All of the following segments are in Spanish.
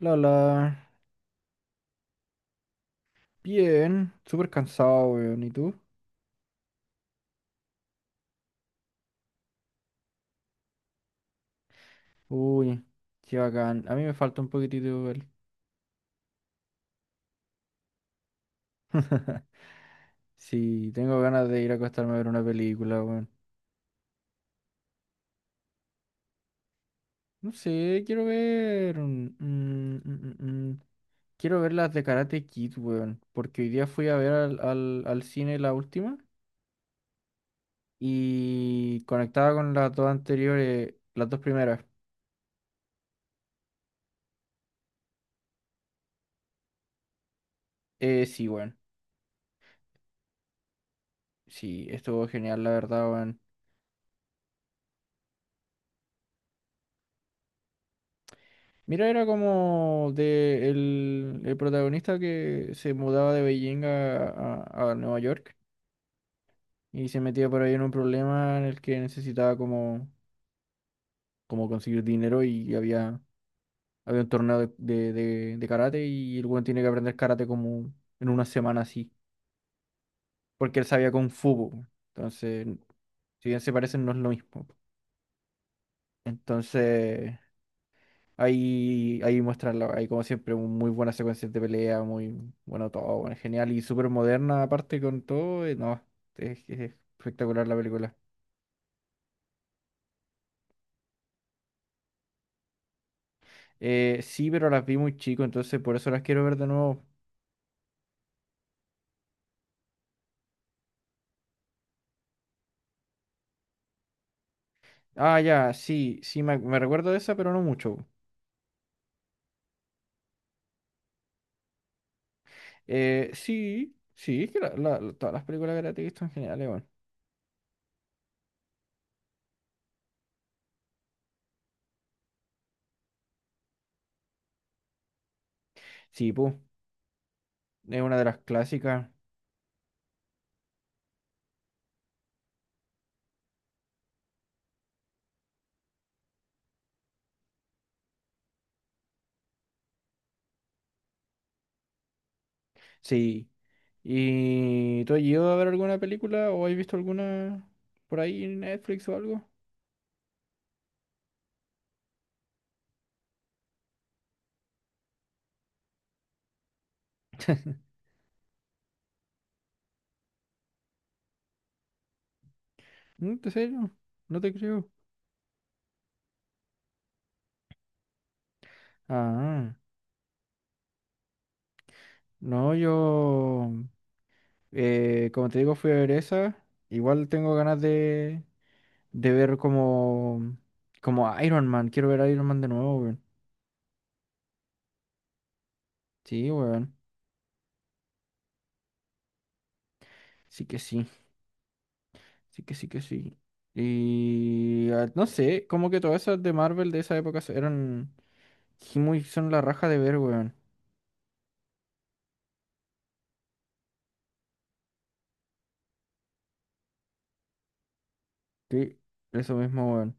Lala, bien. Súper cansado, weón. ¿Y tú? Uy, qué bacán. A mí me falta un poquitito igual. Sí, tengo ganas de ir a acostarme a ver una película, weón. No sé, quiero ver. Quiero ver las de Karate Kid, weón. Porque hoy día fui a ver al cine la última. Y conectaba con las dos anteriores, las dos primeras. Sí, weón. Sí, estuvo genial, la verdad, weón. Mira, era como de el protagonista que se mudaba de Beijing a Nueva York y se metía por ahí en un problema en el que necesitaba como, como conseguir dinero y había un torneo de karate y el weón tiene que aprender karate como en una semana así, porque él sabía kung fu, po. Entonces, si bien se parecen, no es lo mismo. Entonces, ahí muestran, ahí como siempre, muy buenas secuencias de pelea, muy bueno todo, bueno, genial y súper moderna aparte con todo. No, es espectacular la película. Sí, pero las vi muy chico, entonces por eso las quiero ver de nuevo. Ah, ya, sí, sí, me recuerdo de esa, pero no mucho. Sí, sí, es que todas las películas que la he visto en general, bueno. Sí, pues, es una de las clásicas. Sí. ¿Y tú has ido a ver alguna película o has visto alguna por ahí en Netflix o algo? No, ¿en serio? No te creo. Ah, no, yo, como te digo, fui a ver esa. Igual tengo ganas de ver como, como Iron Man. Quiero ver a Iron Man de nuevo, weón. Sí, weón. Sí que sí. Sí que sí que sí. Y ah, no sé, como que todas esas de Marvel de esa época eran sí, muy, son la raja de ver, weón. Sí, eso mismo, weón.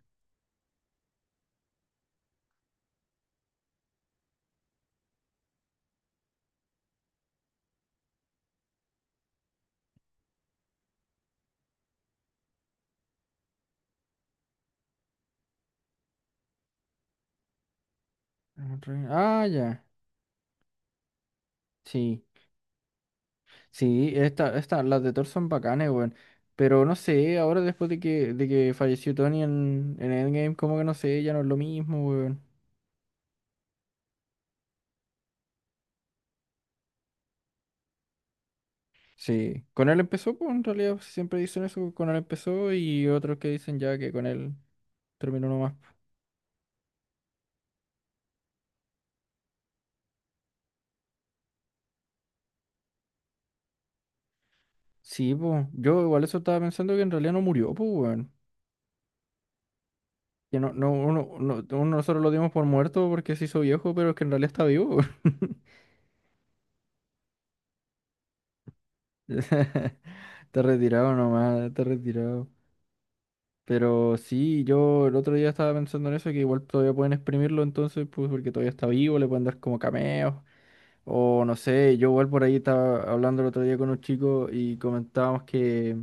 Ah, ya. Sí. Sí, esta, las de Thor son bacanes, weón. Pero no sé, ahora después de que falleció Tony en Endgame, como que no sé, ya no es lo mismo, weón. Sí, con él empezó, pues en realidad siempre dicen eso, con él empezó y otros que dicen ya que con él terminó nomás, pues. Sí, pues yo igual eso estaba pensando que en realidad no murió, pues, weón. Que no, no, uno, no, uno nosotros lo dimos por muerto porque se hizo viejo, pero es que en realidad está vivo, weón. Está retirado nomás, está retirado. Pero sí, yo el otro día estaba pensando en eso, que igual todavía pueden exprimirlo entonces, pues porque todavía está vivo, le pueden dar como cameos, o no sé, yo igual por ahí estaba hablando el otro día con un chico y comentábamos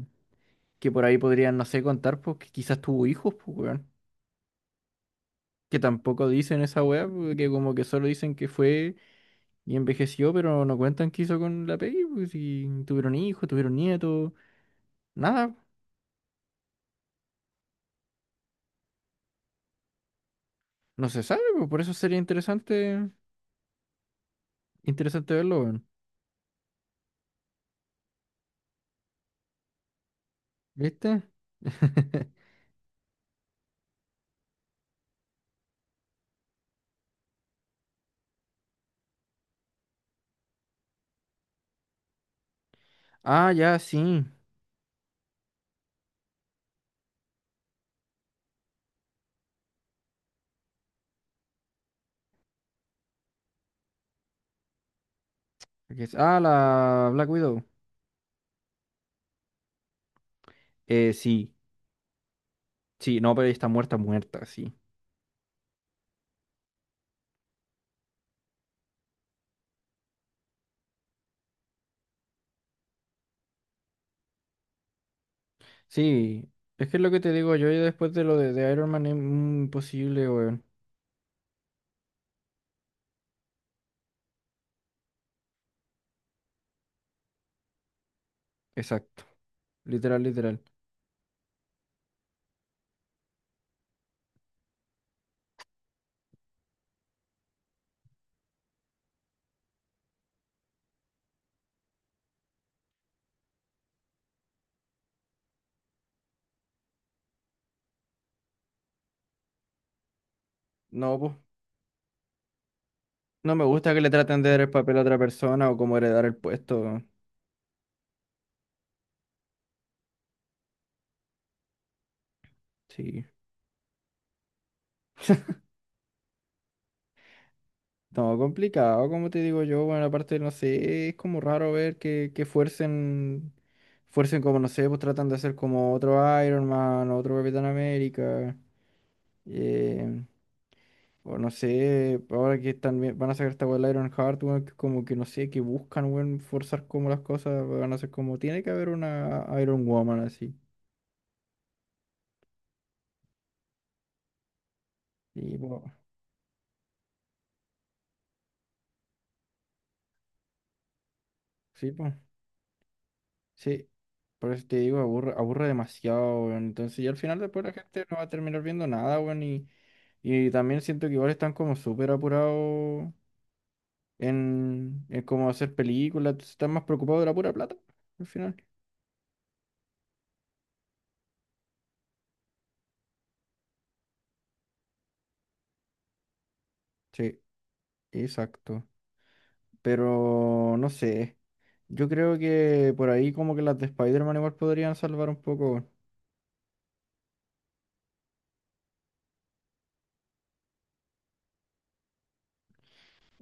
que por ahí podrían, no sé, contar, pues que quizás tuvo hijos, pues weón, que tampoco dicen esa weá, pues, que como que solo dicen que fue y envejeció, pero no cuentan qué hizo con la peli, pues si tuvieron hijos, tuvieron nietos, nada, no se sabe, pues por eso sería interesante, interesante verlo, weón. ¿Viste? Ah, ya, sí. Ah, la Black Widow. Sí. Sí, no, pero ella está muerta, muerta, sí. Sí. Es que es lo que te digo yo y después de lo de Iron Man es mm, imposible, weón. Exacto. Literal, literal. No, pues. No me gusta que le traten de dar el papel a otra persona o como heredar el puesto, weón. Sí. No, complicado, como te digo yo, bueno, aparte, no sé, es como raro ver que fuercen como, no sé, pues tratan de hacer como otro Iron Man, otro Capitán América, eh, o no sé, ahora que están, van a sacar esta weá del Iron Heart, weón, que como que no sé, que buscan, weón, forzar como las cosas, van a ser como, tiene que haber una Iron Woman así, y pues. Sí, por eso te digo, aburre, aburre demasiado, weón. Entonces, y al final después la gente no va a terminar viendo nada, weón. Y también siento que igual están como súper apurados en cómo hacer películas, entonces están más preocupados de la pura plata, al final. Sí, exacto. Pero no sé. Yo creo que por ahí como que las de Spider-Man igual podrían salvar un poco, weón.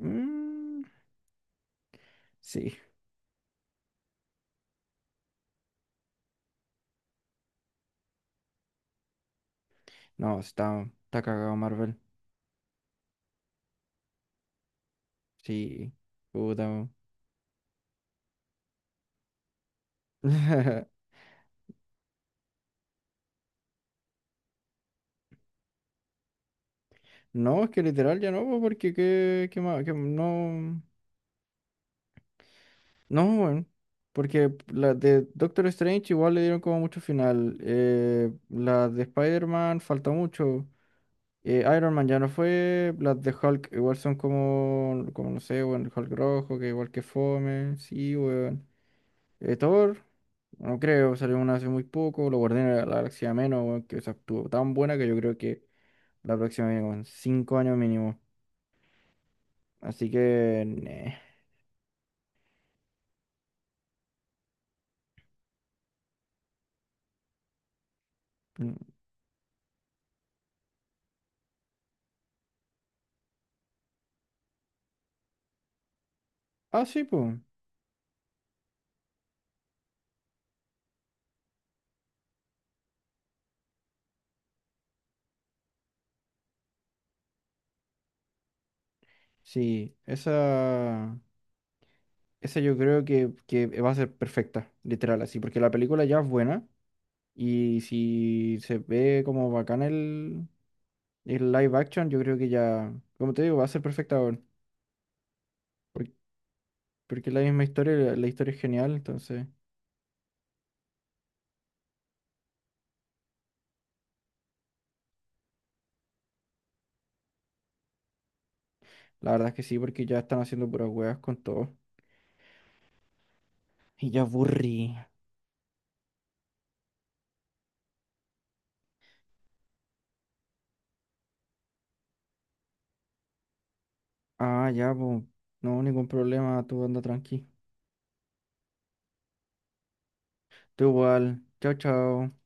Mm, sí. No, está cagado Marvel. Sí. Puta, weón. No, es que literal ya no, po, porque qué más, que no, no, bueno, porque la de Doctor Strange igual le dieron como mucho final, la de Spider-Man falta mucho, Iron Man ya no fue, las de Hulk igual son como, como no sé, bueno, Hulk rojo, que igual que fome, sí, weón, Thor, no creo, salió una hace muy poco, lo guardé en la Galaxia menos, weón, que esa estuvo tan buena que yo creo que la próxima viene con 5 años mínimo, así que, neh. Ah, sí, pues. Sí, esa yo creo que va a ser perfecta, literal, así, porque la película ya es buena y si se ve como bacán el live action, yo creo que ya, como te digo, va a ser perfecta, weón, por- porque, es la misma historia, la historia es genial, entonces, la verdad es que sí, porque ya están haciendo puras weas con todo. Y ya aburrí. Ah, ya, pues, no, ningún problema, tú anda tranqui. Tú igual, chao, chao.